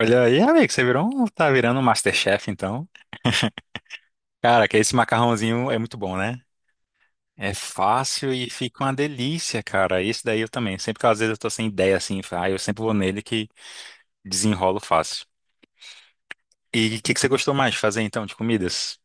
Olha aí, amigo, você tá virando um MasterChef, então. Cara, que esse macarrãozinho é muito bom, né? É fácil e fica uma delícia, cara. Esse daí eu também. Sempre que às vezes eu tô sem ideia assim, ah, eu sempre vou nele que desenrolo fácil. E o que que você gostou mais de fazer então de comidas?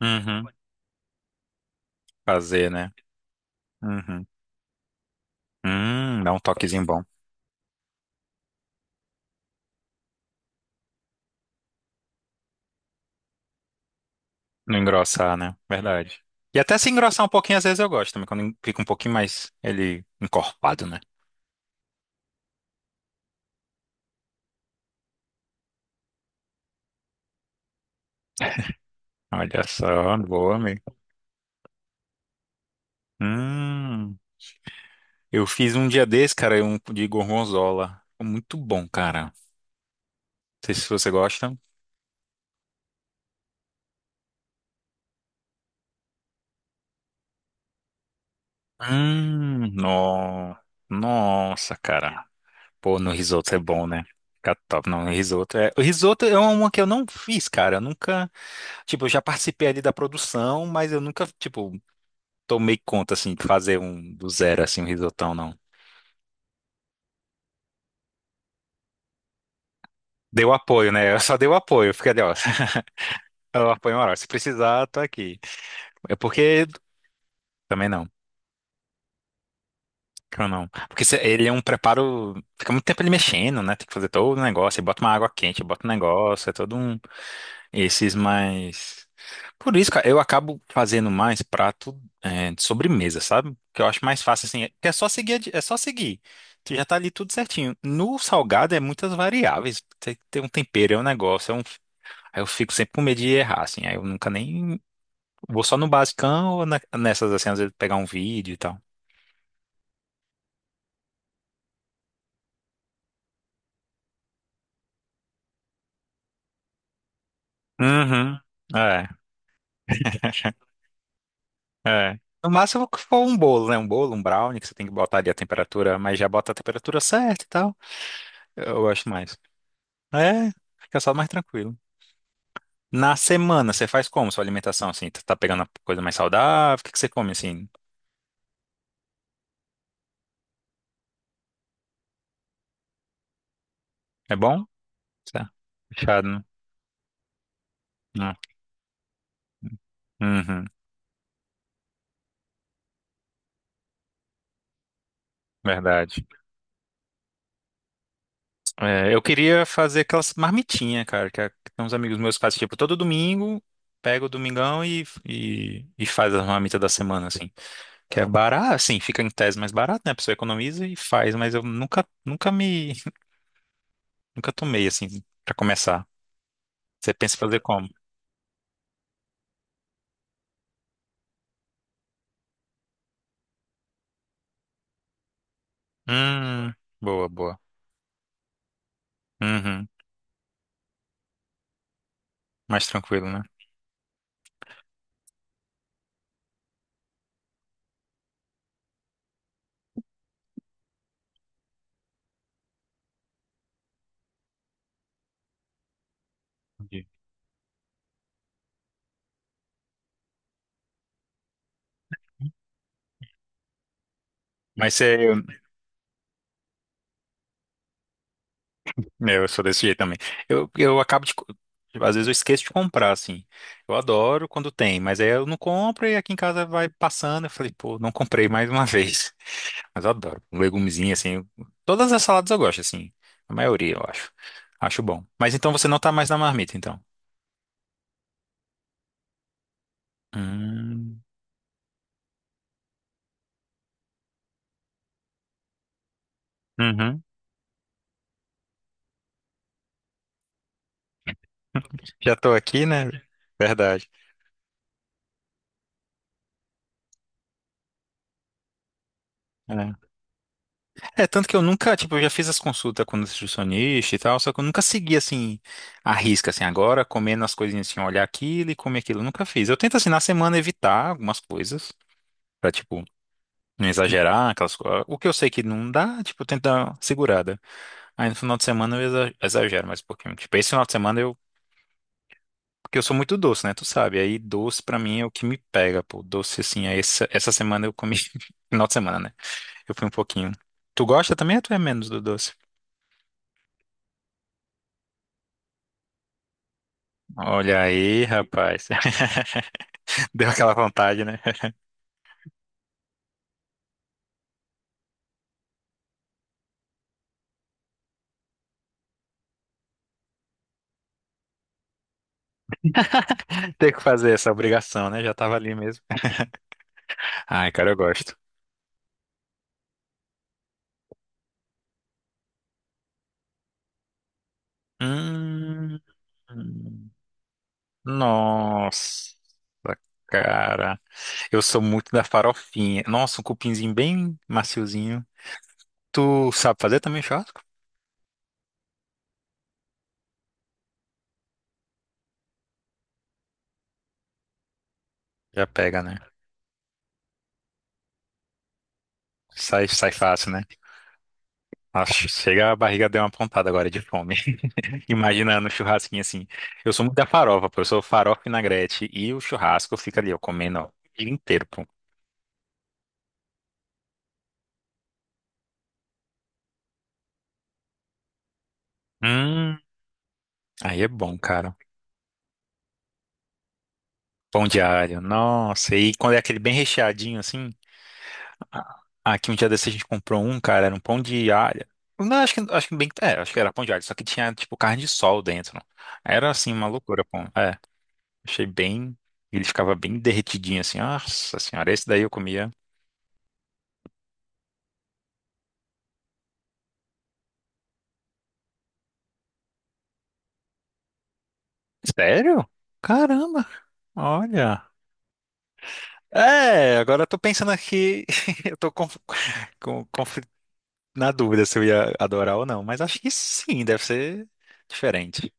Uhum. Fazer, né? Uhum. Dá um toquezinho bom. Não engrossar, né? Verdade. E até se engrossar um pouquinho, às vezes eu gosto também, quando fica um pouquinho mais ele encorpado, né? Olha só, boa, amigo. Hum. Eu fiz um dia desse, cara, um de gorgonzola. Muito bom, cara. Não sei se você gosta. Hum, no... Nossa, cara. Pô, no risoto é bom, né? Fica top. Não, no risoto o risoto é uma que eu não fiz, cara. Eu nunca. Tipo, eu já participei ali da produção, mas eu nunca, tipo, tomei conta, assim, de fazer um do zero, assim, um risotão, não. Deu apoio, né? Eu só dei o apoio. Fiquei ali, ó. Eu apoio moral. Se precisar, tô aqui. É porque. Também não. Que eu não. Porque ele é um preparo. Fica muito tempo ele mexendo, né? Tem que fazer todo o negócio. Aí bota uma água quente, bota um negócio. É todo um. Esses mais. Por isso, cara, eu acabo fazendo mais prato de sobremesa, sabe? Que eu acho mais fácil, assim. É que é só seguir. É só seguir. Tu já tá ali tudo certinho. No salgado é muitas variáveis. Tem que ter um tempero, é um negócio. É um. Aí eu fico sempre com medo de errar, assim. Aí eu nunca nem. Vou só no basicão ou nessas, assim, às vezes pegar um vídeo e tal. Uhum. É. É. No máximo que for um bolo, né? Um bolo, um brownie, que você tem que botar ali a temperatura, mas já bota a temperatura certa e tal. Eu gosto mais. É, fica só mais tranquilo. Na semana, você faz como sua alimentação, assim? Tá pegando a coisa mais saudável? O que que você come, assim? É bom? Tá. Fechado, né? Não. Uhum, verdade. É, eu queria fazer aquelas marmitinhas, cara, que tem uns amigos meus que fazem, tipo, todo domingo, pega o domingão e faz as marmitas da semana, assim. Que é barato, assim, fica em tese mais barato, né? A pessoa economiza e faz, mas eu nunca, nunca tomei, assim, pra começar. Você pensa em fazer como? Hum, boa, boa. Uhum, mais tranquilo, né? Entendi. Mas você. Eu sou desse jeito também. Eu acabo de. Tipo, às vezes eu esqueço de comprar, assim. Eu adoro quando tem, mas aí eu não compro e aqui em casa vai passando. Eu falei, pô, não comprei mais uma vez. Mas eu adoro. Um legumezinho, assim. Todas as saladas eu gosto, assim. A maioria, eu acho. Acho bom. Mas então você não tá mais na marmita, então. Hum. Uhum. Já tô aqui, né? Verdade. É. É, tanto que eu nunca, tipo, eu já fiz as consultas com o nutricionista e tal, só que eu nunca segui, assim, a risca, assim, agora, comendo as coisinhas, assim, olhar aquilo e comer aquilo, eu nunca fiz. Eu tento, assim, na semana evitar algumas coisas, pra, tipo, não exagerar, aquelas coisas. O que eu sei que não dá, tipo, eu tento dar uma segurada. Aí no final de semana eu exagero mais um pouquinho. Tipo, esse final de semana eu. Porque eu sou muito doce, né? Tu sabe. Aí doce pra mim é o que me pega, pô. Doce, assim, aí essa semana eu comi. Final de semana, né? Eu fui um pouquinho. Tu gosta também ou tu é menos do doce? Olha aí, rapaz. Deu aquela vontade, né? Ter que fazer essa obrigação, né? Já tava ali mesmo. Ai, cara, eu gosto. Hum, nossa, cara. Eu sou muito da farofinha. Nossa, um cupinzinho bem maciozinho. Tu sabe fazer também churrasco? Já pega, né? Sai, sai fácil, né? Nossa, chega a barriga deu uma pontada agora de fome. Imaginando o churrasquinho assim. Eu sou muito da farofa, pô. Eu sou farofa e vinagrete e o churrasco fica ali, eu comendo, ó, o dia inteiro, pô. Hum, aí é bom, cara. Pão de alho, nossa. E quando é aquele bem recheadinho assim. Aqui um dia desse a gente comprou um, cara, era um pão de alho. Não, acho que era pão de alho, só que tinha tipo carne de sol dentro. Era assim uma loucura, pô. É, achei bem, ele ficava bem derretidinho assim. Nossa senhora, esse daí eu comia. Sério? Caramba, olha. É, agora eu tô pensando aqui, eu tô com na dúvida se eu ia adorar ou não, mas acho que sim, deve ser diferente.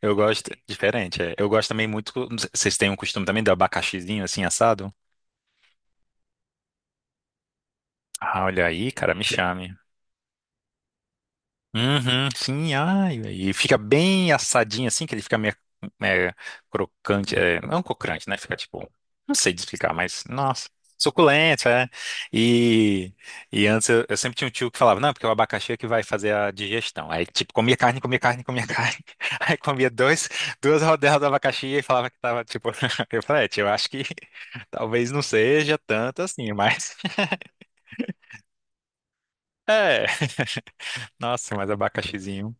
Eu gosto, diferente, é. Eu gosto também muito, vocês têm um costume também do abacaxizinho assim assado? Ah, olha aí, cara, me chame. Uhum, sim, ai, e fica bem assadinho assim, que ele fica meio, é, crocante, é, não é um crocante, né? Fica tipo, não sei de explicar, mas, nossa, suculento, é. E, e antes eu sempre tinha um tio que falava, não, porque é o abacaxi é que vai fazer a digestão. Aí, tipo, comia carne, comia carne, comia carne. Aí comia dois, duas rodelas do abacaxi e falava que tava, tipo, eu falei, "É, tio, eu acho que talvez não seja tanto assim, mas, é, nossa, mas abacaxizinho.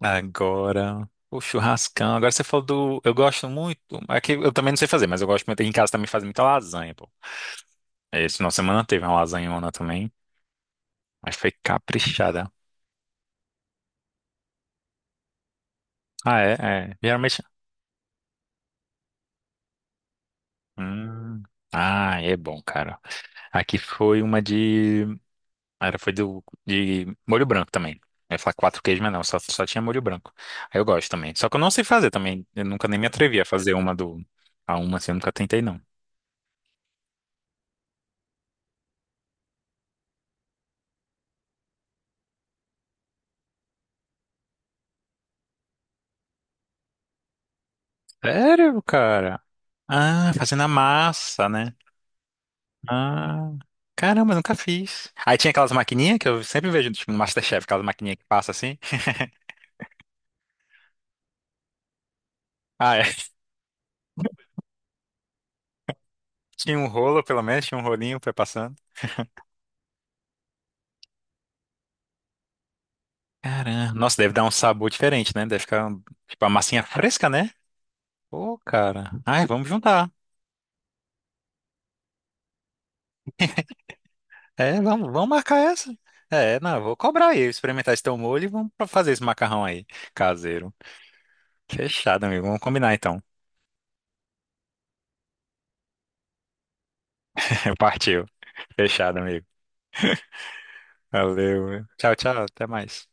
Agora, o churrascão. Agora você falou do. Eu gosto muito. É que eu também não sei fazer, mas eu gosto muito. Em casa também faz muita lasanha, pô. Esse final de semana teve uma lasanhona também. Mas foi caprichada. Ah, é, é. Geralmente. Hum. Ah, é bom, cara. Aqui foi uma de. Era, foi do, de molho branco também. Eu ia falar quatro queijos, mas não, só tinha molho branco. Aí eu gosto também. Só que eu não sei fazer também. Eu nunca nem me atrevi a fazer uma do. A uma assim, eu nunca tentei, não. Sério, cara? Ah, fazendo a massa, né? Ah, caramba, nunca fiz. Aí tinha aquelas maquininhas que eu sempre vejo tipo, no MasterChef, aquelas maquininhas que passa assim. Ah, é. Tinha um rolo, pelo menos, tinha um rolinho pra ir passando. Caramba, nossa, deve dar um sabor diferente, né? Deve ficar, tipo, a massinha fresca, né? Ô, cara. Ai, vamos juntar. É, vamos, vamos marcar essa. É, não, eu vou cobrar aí, experimentar esse teu molho e vamos pra fazer esse macarrão aí, caseiro. Fechado, amigo. Vamos combinar então. Partiu. Fechado, amigo. Valeu. Tchau, tchau. Até mais.